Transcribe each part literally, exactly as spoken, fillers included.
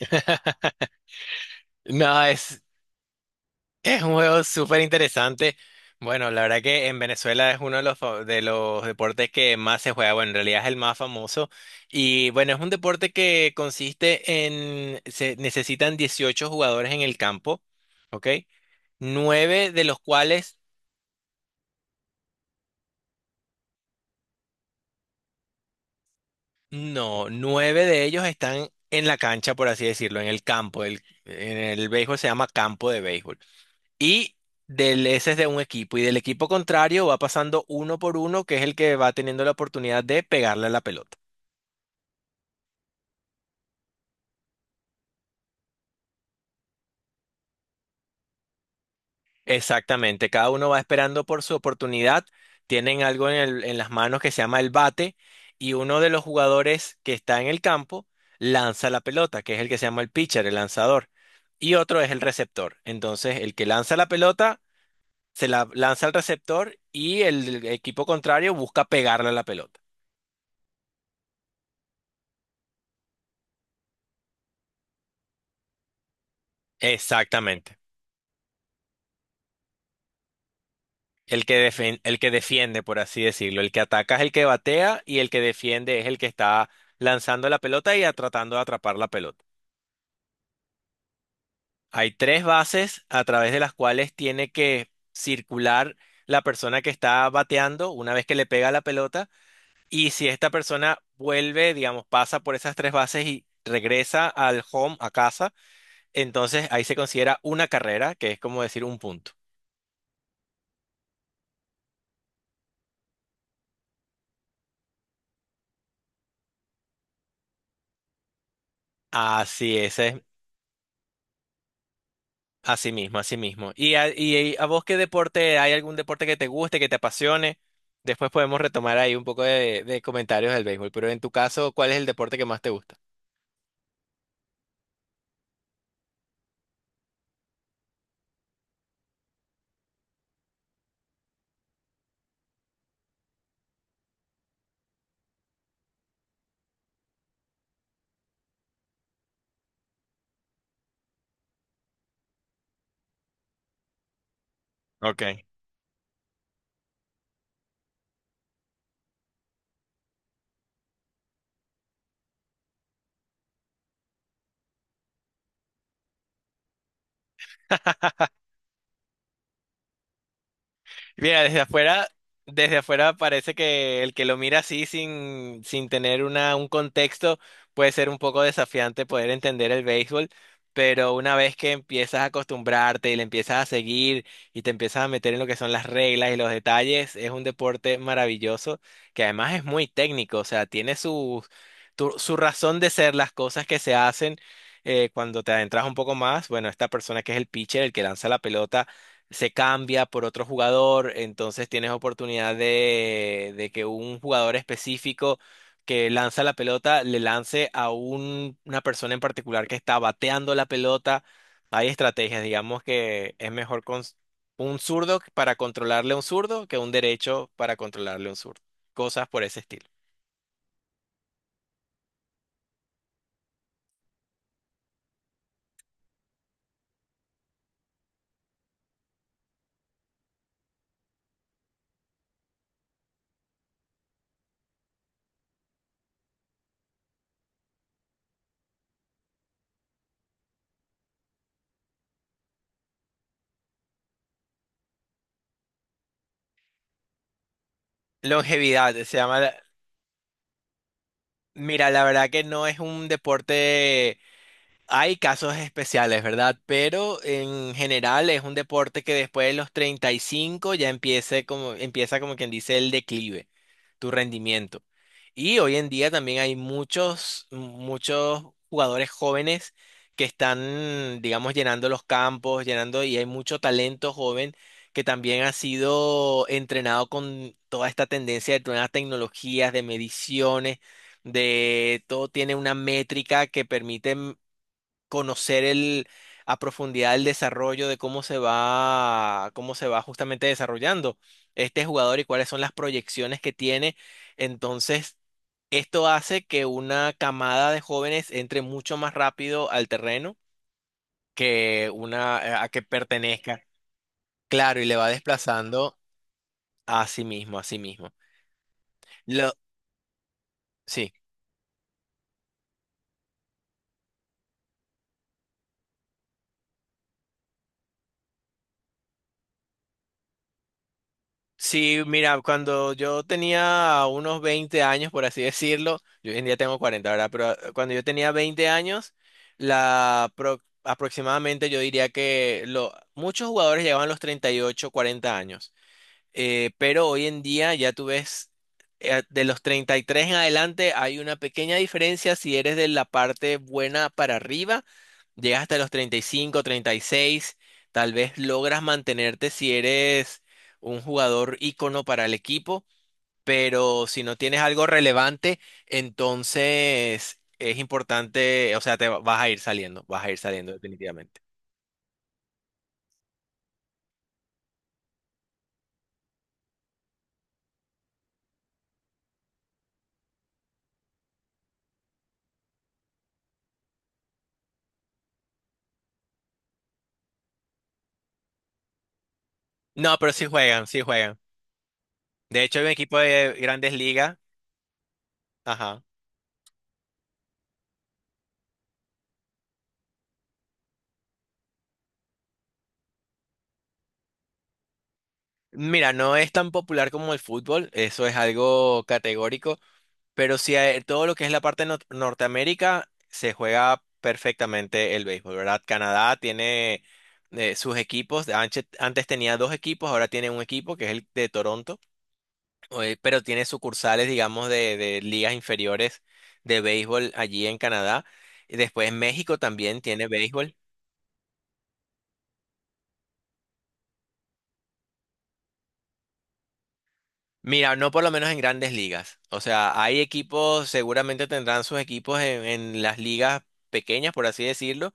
No, es, es un juego súper interesante. Bueno, la verdad que en Venezuela es uno de los, fa- de los deportes que más se juega. Bueno, en realidad es el más famoso. Y bueno, es un deporte que consiste en, se necesitan dieciocho jugadores en el campo, ¿ok? Nueve de los cuales, no, nueve de ellos están en la cancha, por así decirlo, en el campo. El- en el béisbol se llama campo de béisbol. Y del, ese es de un equipo. Y del equipo contrario va pasando uno por uno, que es el que va teniendo la oportunidad de pegarle a la pelota. Exactamente. Cada uno va esperando por su oportunidad. Tienen algo en el- en las manos que se llama el bate. Y uno de los jugadores que está en el campo lanza la pelota, que es el que se llama el pitcher, el lanzador. Y otro es el receptor. Entonces, el que lanza la pelota se la lanza al receptor y el equipo contrario busca pegarle a la pelota. Exactamente. El que defen- el que defiende, por así decirlo. El que ataca es el que batea y el que defiende es el que está lanzando la pelota y a- tratando de atrapar la pelota. Hay tres bases a través de las cuales tiene que circular la persona que está bateando una vez que le pega la pelota. Y si esta persona vuelve, digamos, pasa por esas tres bases y regresa al home, a casa, entonces ahí se considera una carrera, que es como decir un punto. Así es. Así mismo, así mismo. ¿Y a, y a vos qué deporte, hay algún deporte que te guste, que te apasione? Después podemos retomar ahí un poco de, de comentarios del béisbol, pero en tu caso, ¿cuál es el deporte que más te gusta? Ok. Mira, desde afuera, desde afuera parece que el que lo mira así sin, sin tener una, un contexto puede ser un poco desafiante poder entender el béisbol, pero una vez que empiezas a acostumbrarte y le empiezas a seguir y te empiezas a meter en lo que son las reglas y los detalles, es un deporte maravilloso que además es muy técnico, o sea, tiene su, tu- su razón de ser las cosas que se hacen. Eh, cuando te adentras un poco más, bueno, esta persona que es el pitcher, el que lanza la pelota se cambia por otro jugador, entonces tienes oportunidad de, de que un jugador específico que lanza la pelota le lance a un- una persona en particular que está bateando la pelota. Hay estrategias, digamos que es mejor con un zurdo para controlarle a un zurdo que un derecho para controlarle a un zurdo. Cosas por ese estilo. Longevidad, se llama... la- Mira, la verdad que no es un deporte. Hay casos especiales, ¿verdad? Pero en general es un deporte que después de los treinta y cinco ya empieza como, empieza como quien dice el declive, tu rendimiento. Y hoy en día también hay muchos, muchos jugadores jóvenes que están, digamos, llenando los campos, llenando, y hay mucho talento joven que también ha sido entrenado con toda esta tendencia de nuevas tecnologías, de mediciones, de todo tiene una métrica que permite conocer el, a profundidad el desarrollo de cómo se va, cómo se va justamente desarrollando este jugador y cuáles son las proyecciones que tiene. Entonces, esto hace que una camada de jóvenes entre mucho más rápido al terreno que una eh, a que pertenezca. Claro, y le va desplazando a sí mismo, a sí mismo. Lo, sí. Sí, mira, cuando yo tenía unos veinte años, por así decirlo, yo hoy en día tengo cuarenta, ¿verdad? Pero ah, cuando yo tenía veinte años, la pro- aproximadamente yo diría que lo, muchos jugadores llegaban a los treinta y ocho, cuarenta años. Eh, pero hoy en día ya tú ves, eh, de los treinta y tres en adelante hay una pequeña diferencia si eres de la parte buena para arriba, llegas hasta los treinta treinta y cinco treinta y seis, tal vez logras mantenerte si eres un jugador ícono para el equipo, pero si no tienes algo relevante, entonces es importante, o sea, te va- vas a ir saliendo, vas a ir saliendo definitivamente. No, pero sí juegan, sí juegan. De hecho, hay un equipo de Grandes Ligas. Ajá. Mira, no es tan popular como el fútbol, eso es algo categórico, pero sí eh, todo lo que es la parte de Norteamérica se juega perfectamente el béisbol, ¿verdad? Canadá tiene eh, sus equipos, anche- antes tenía dos equipos, ahora tiene un equipo que es el de Toronto, eh, pero tiene sucursales, digamos, de, de ligas inferiores de béisbol allí en Canadá. Y después México también tiene béisbol. Mira, no por lo menos en grandes ligas. O sea, hay equipos, seguramente tendrán sus equipos en, en las ligas pequeñas, por así decirlo,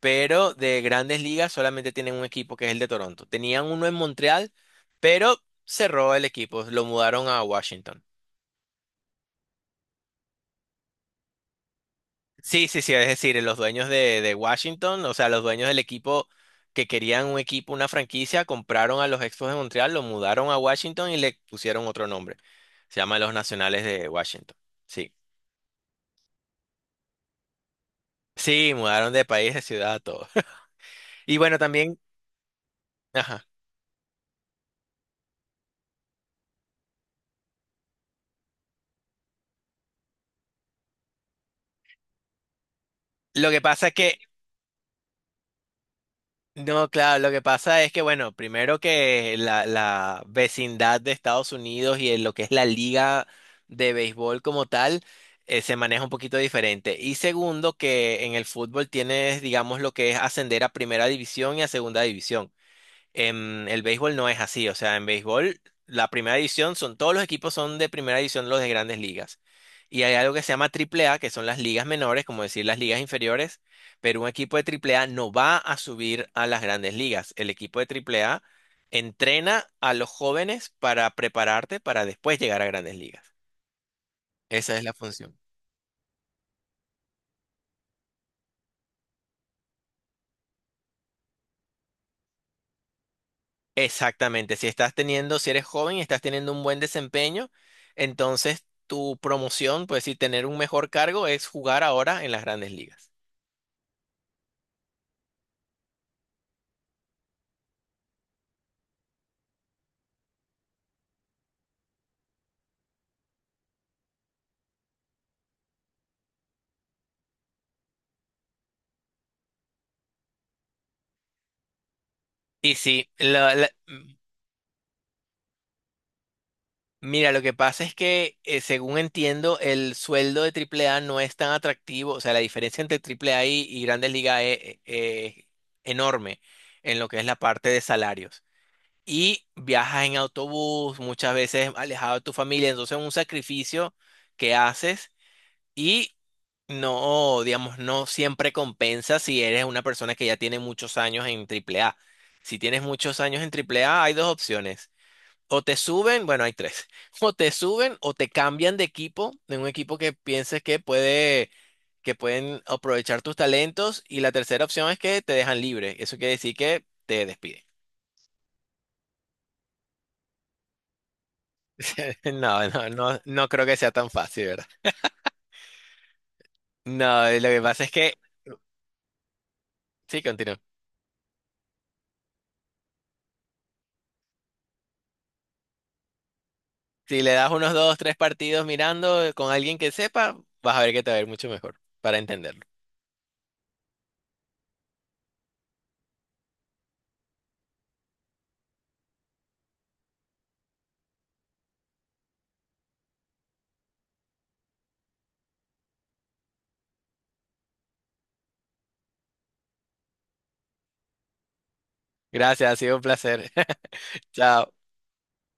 pero de grandes ligas solamente tienen un equipo que es el de Toronto. Tenían uno en Montreal, pero cerró el equipo, lo mudaron a Washington. Sí, sí, sí, es decir, los dueños de, de Washington, o sea, los dueños del equipo que querían un equipo, una franquicia, compraron a los Expos de Montreal, lo mudaron a Washington y le pusieron otro nombre. Se llama Los Nacionales de Washington. Sí. Sí, mudaron de país, de ciudad, todo. Y bueno, también, ajá. Lo que pasa es que, no, claro, lo que pasa es que, bueno, primero que la, la vecindad de Estados Unidos y en lo que es la liga de béisbol como tal, eh, se maneja un poquito diferente. Y segundo, que en el fútbol tienes, digamos, lo que es ascender a primera división y a segunda división. En el béisbol no es así, o sea, en béisbol la primera división son todos los equipos son de primera división los de grandes ligas. Y hay algo que se llama triple A, que son las ligas menores, como decir las ligas inferiores, pero un equipo de triple A no va a subir a las grandes ligas. El equipo de triple A entrena a los jóvenes para prepararte para después llegar a grandes ligas. Esa es la función. Exactamente, si estás teniendo, si eres joven y estás teniendo un buen desempeño, entonces tu promoción, pues sí, tener un mejor cargo es jugar ahora en las grandes ligas. Y sí, la- la- m- mira, lo que pasa es que eh, según entiendo, el sueldo de Triple A no es tan atractivo, o sea, la diferencia entre triple A y, y grandes ligas es, es enorme en lo que es la parte de salarios. Y viajas en autobús, muchas veces alejado de tu familia, entonces un sacrificio que haces. Y no, digamos, no siempre compensa si eres una persona que ya tiene muchos años en Triple A. Si tienes muchos años en Triple A hay dos opciones. O te suben, bueno, hay tres. O te suben o te cambian de equipo, de un equipo que pienses que puede, que pueden aprovechar tus talentos. Y la tercera opción es que te dejan libre. Eso quiere decir que te despiden. No, no, no, no creo que sea tan fácil, ¿verdad? No, lo que pasa es que, sí, continúa. Si le das unos dos, tres partidos mirando eh, con alguien que sepa, vas a ver que te va a ir mucho mejor para entenderlo. Gracias, ha sido un placer. Chao.